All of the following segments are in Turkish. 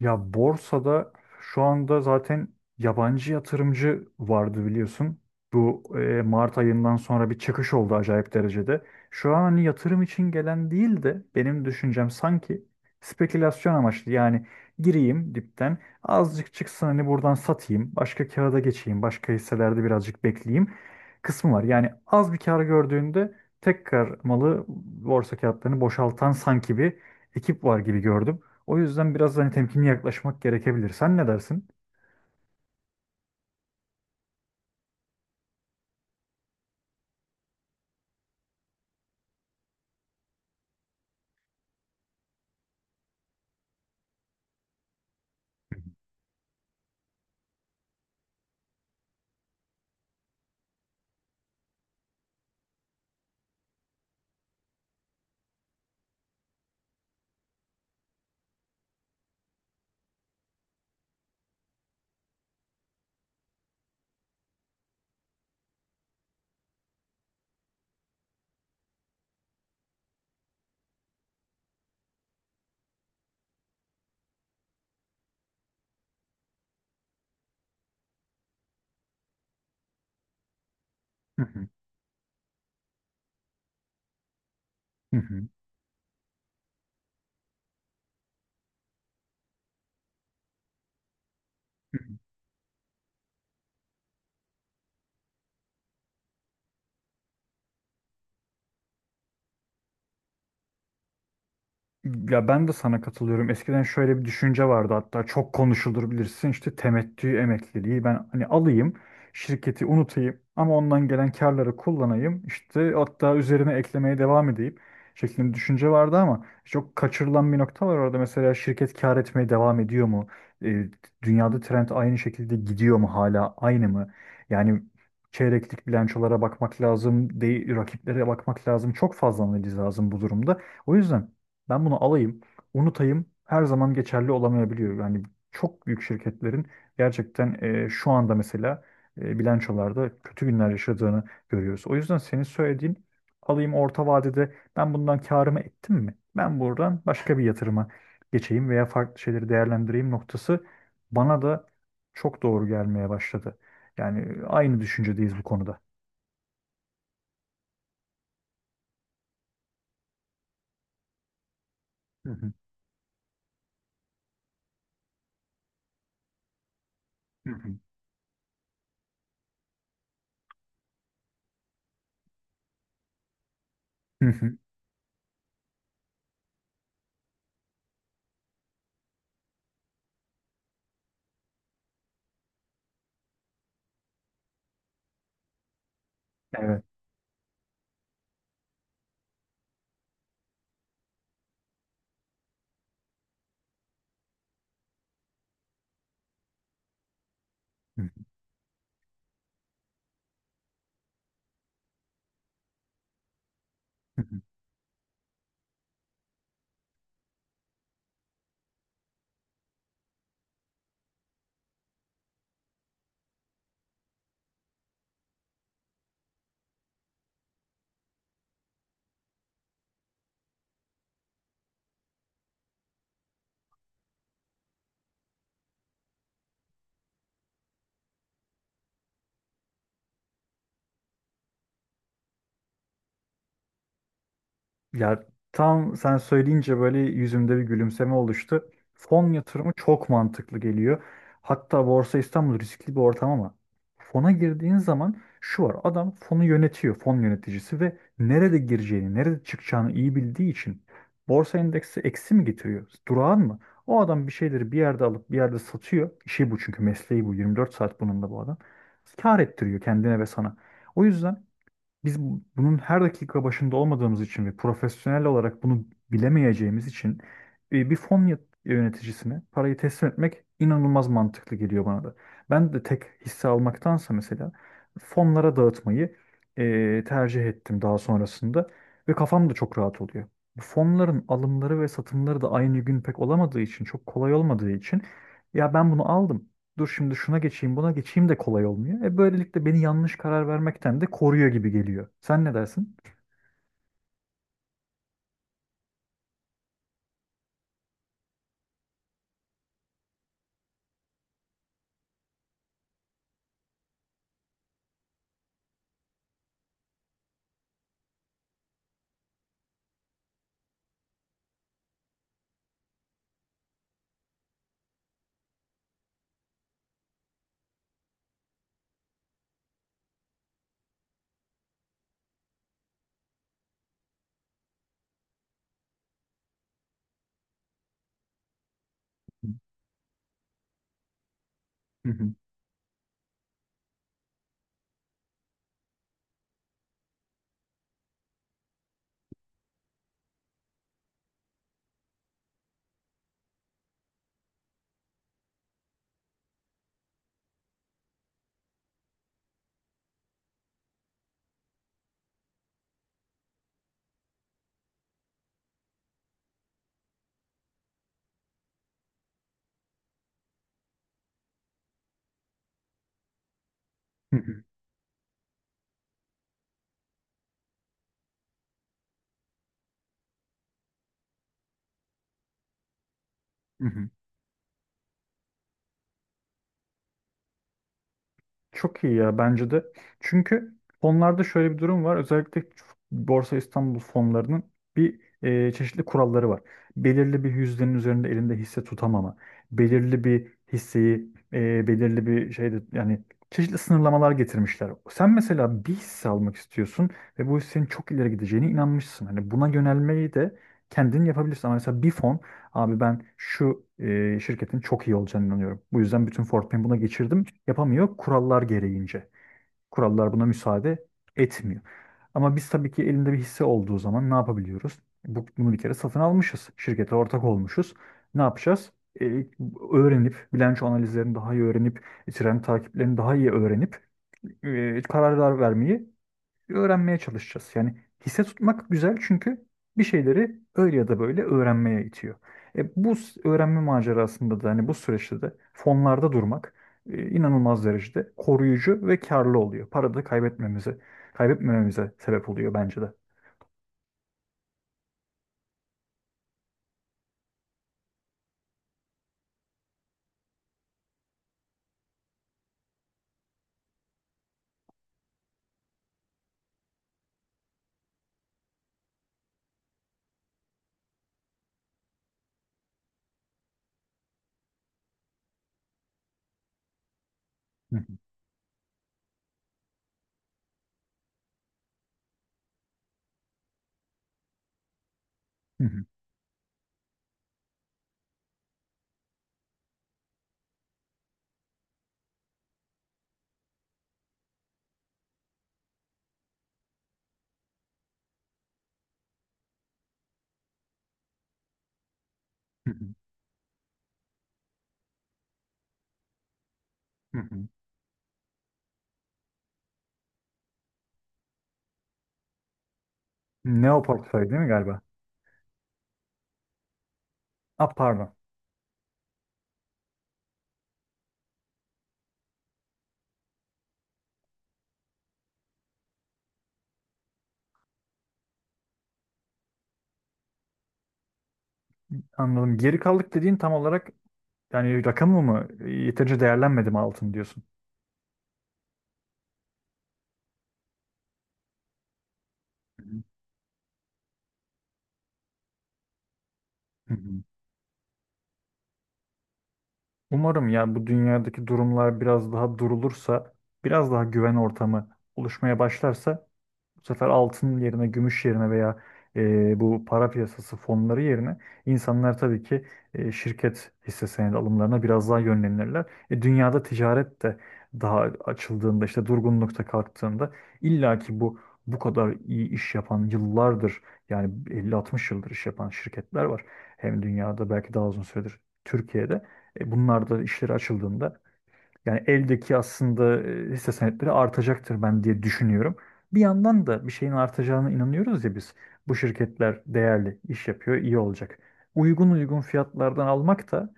Ya borsada şu anda zaten yabancı yatırımcı vardı biliyorsun. Bu Mart ayından sonra bir çıkış oldu acayip derecede. Şu an hani yatırım için gelen değil de benim düşüncem sanki spekülasyon amaçlı. Yani gireyim dipten azıcık çıksın hani buradan satayım. Başka kağıda geçeyim. Başka hisselerde birazcık bekleyeyim kısmı var. Yani az bir kar gördüğünde tekrar malı borsa kağıtlarını boşaltan sanki bir ekip var gibi gördüm. O yüzden biraz hani temkinli yaklaşmak gerekebilir. Sen ne dersin? Hı hı. Hı hı. Hı hı. Ya ben de sana katılıyorum. Eskiden şöyle bir düşünce vardı, hatta çok konuşulur bilirsin, işte temettü emekliliği, ben hani alayım şirketi unutayım ama ondan gelen karları kullanayım, işte hatta üzerine eklemeye devam edeyim şeklinde bir düşünce vardı ama çok kaçırılan bir nokta var orada. Mesela şirket kar etmeye devam ediyor mu? E, Dünyada trend aynı şekilde gidiyor mu, hala aynı mı? Yani çeyreklik bilançolara bakmak lazım, değil, rakiplere bakmak lazım. Çok fazla analiz lazım bu durumda. O yüzden ben bunu alayım, unutayım, her zaman geçerli olamayabiliyor. Yani çok büyük şirketlerin gerçekten şu anda mesela bilançolarda kötü günler yaşadığını görüyoruz. O yüzden senin söylediğin alayım, orta vadede ben bundan karımı ettim mi, ben buradan başka bir yatırıma geçeyim veya farklı şeyleri değerlendireyim noktası bana da çok doğru gelmeye başladı. Yani aynı düşüncedeyiz bu konuda. Hı hı. Hı hı. Hı hı. Evet. Hı hı. Ya tam sen söyleyince böyle yüzümde bir gülümseme oluştu. Fon yatırımı çok mantıklı geliyor. Hatta Borsa İstanbul riskli bir ortam ama fona girdiğin zaman şu var. Adam fonu yönetiyor, fon yöneticisi, ve nerede gireceğini, nerede çıkacağını iyi bildiği için borsa endeksi eksi mi getiriyor, durağan mı, o adam bir şeyleri bir yerde alıp bir yerde satıyor. İşi bu çünkü mesleği bu. 24 saat bununla bu adam. Kâr ettiriyor kendine ve sana. O yüzden bunun her dakika başında olmadığımız için ve profesyonel olarak bunu bilemeyeceğimiz için bir yöneticisine parayı teslim etmek inanılmaz mantıklı geliyor bana da. Ben de tek hisse almaktansa mesela fonlara dağıtmayı tercih ettim daha sonrasında ve kafam da çok rahat oluyor. Bu fonların alımları ve satımları da aynı gün pek olamadığı için, çok kolay olmadığı için, ya ben bunu aldım, dur şimdi şuna geçeyim, buna geçeyim de kolay olmuyor. E böylelikle beni yanlış karar vermekten de koruyor gibi geliyor. Sen ne dersin? Hı hı. Hı hı. Hı hı. Çok iyi ya, bence de. Çünkü fonlarda şöyle bir durum var. Özellikle Borsa İstanbul fonlarının bir çeşitli kuralları var. Belirli bir yüzdenin üzerinde elinde hisse tutamama, belirli bir hisseyi belirli bir şeyde, yani çeşitli sınırlamalar getirmişler. Sen mesela bir hisse almak istiyorsun ve bu hissenin çok ileri gideceğine inanmışsın. Hani buna yönelmeyi de kendin yapabilirsin. Ama mesela bir fon, abi ben şu şirketin çok iyi olacağına inanıyorum, bu yüzden bütün Fortnite'ı buna geçirdim, yapamıyor kurallar gereğince. Kurallar buna müsaade etmiyor. Ama biz tabii ki elinde bir hisse olduğu zaman ne yapabiliyoruz? Bunu bir kere satın almışız. Şirkete ortak olmuşuz. Ne yapacağız? E, Öğrenip, bilanço analizlerini daha iyi öğrenip, trend takiplerini daha iyi öğrenip kararlar vermeyi öğrenmeye çalışacağız. Yani hisse tutmak güzel çünkü bir şeyleri öyle ya da böyle öğrenmeye itiyor. E, öğrenme macerasında da hani bu süreçte de fonlarda durmak inanılmaz derecede koruyucu ve karlı oluyor. Para da kaybetmemize, kaybetmememize sebep oluyor bence de. Hı hı, hı hı, hı hı, hı hı. Neoportföy değil mi galiba? Ah, pardon. Anladım. Geri kaldık dediğin tam olarak yani rakamı mı, yeterince değerlenmedi mi altın, diyorsun? Hı hı, hı hı. Umarım ya, bu dünyadaki durumlar biraz daha durulursa, biraz daha güven ortamı oluşmaya başlarsa bu sefer altın yerine, gümüş yerine veya bu para piyasası fonları yerine insanlar tabii ki şirket hisse senedi alımlarına biraz daha yönlenirler. E, dünyada ticaret de daha açıldığında, işte durgunlukta kalktığında illa ki bu kadar iyi iş yapan, yıllardır yani 50-60 yıldır iş yapan şirketler var. Hem dünyada belki daha uzun süredir, Türkiye'de. E, bunlar da işleri açıldığında yani eldeki aslında hisse senetleri artacaktır ben diye düşünüyorum. Bir yandan da bir şeyin artacağına inanıyoruz ya biz. Bu şirketler değerli iş yapıyor, iyi olacak. Uygun uygun fiyatlardan almak da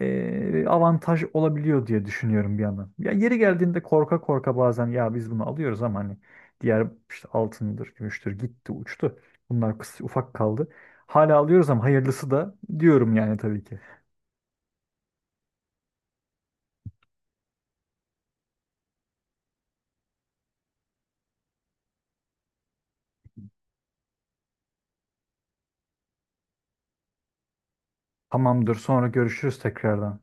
avantaj olabiliyor diye düşünüyorum bir yandan. Ya yeri geldiğinde korka korka bazen ya biz bunu alıyoruz ama hani diğer işte altındır, gümüştür, gitti, uçtu. Bunlar kısa, ufak kaldı. Hala alıyoruz ama hayırlısı da diyorum yani tabii ki. Tamamdır, sonra görüşürüz tekrardan.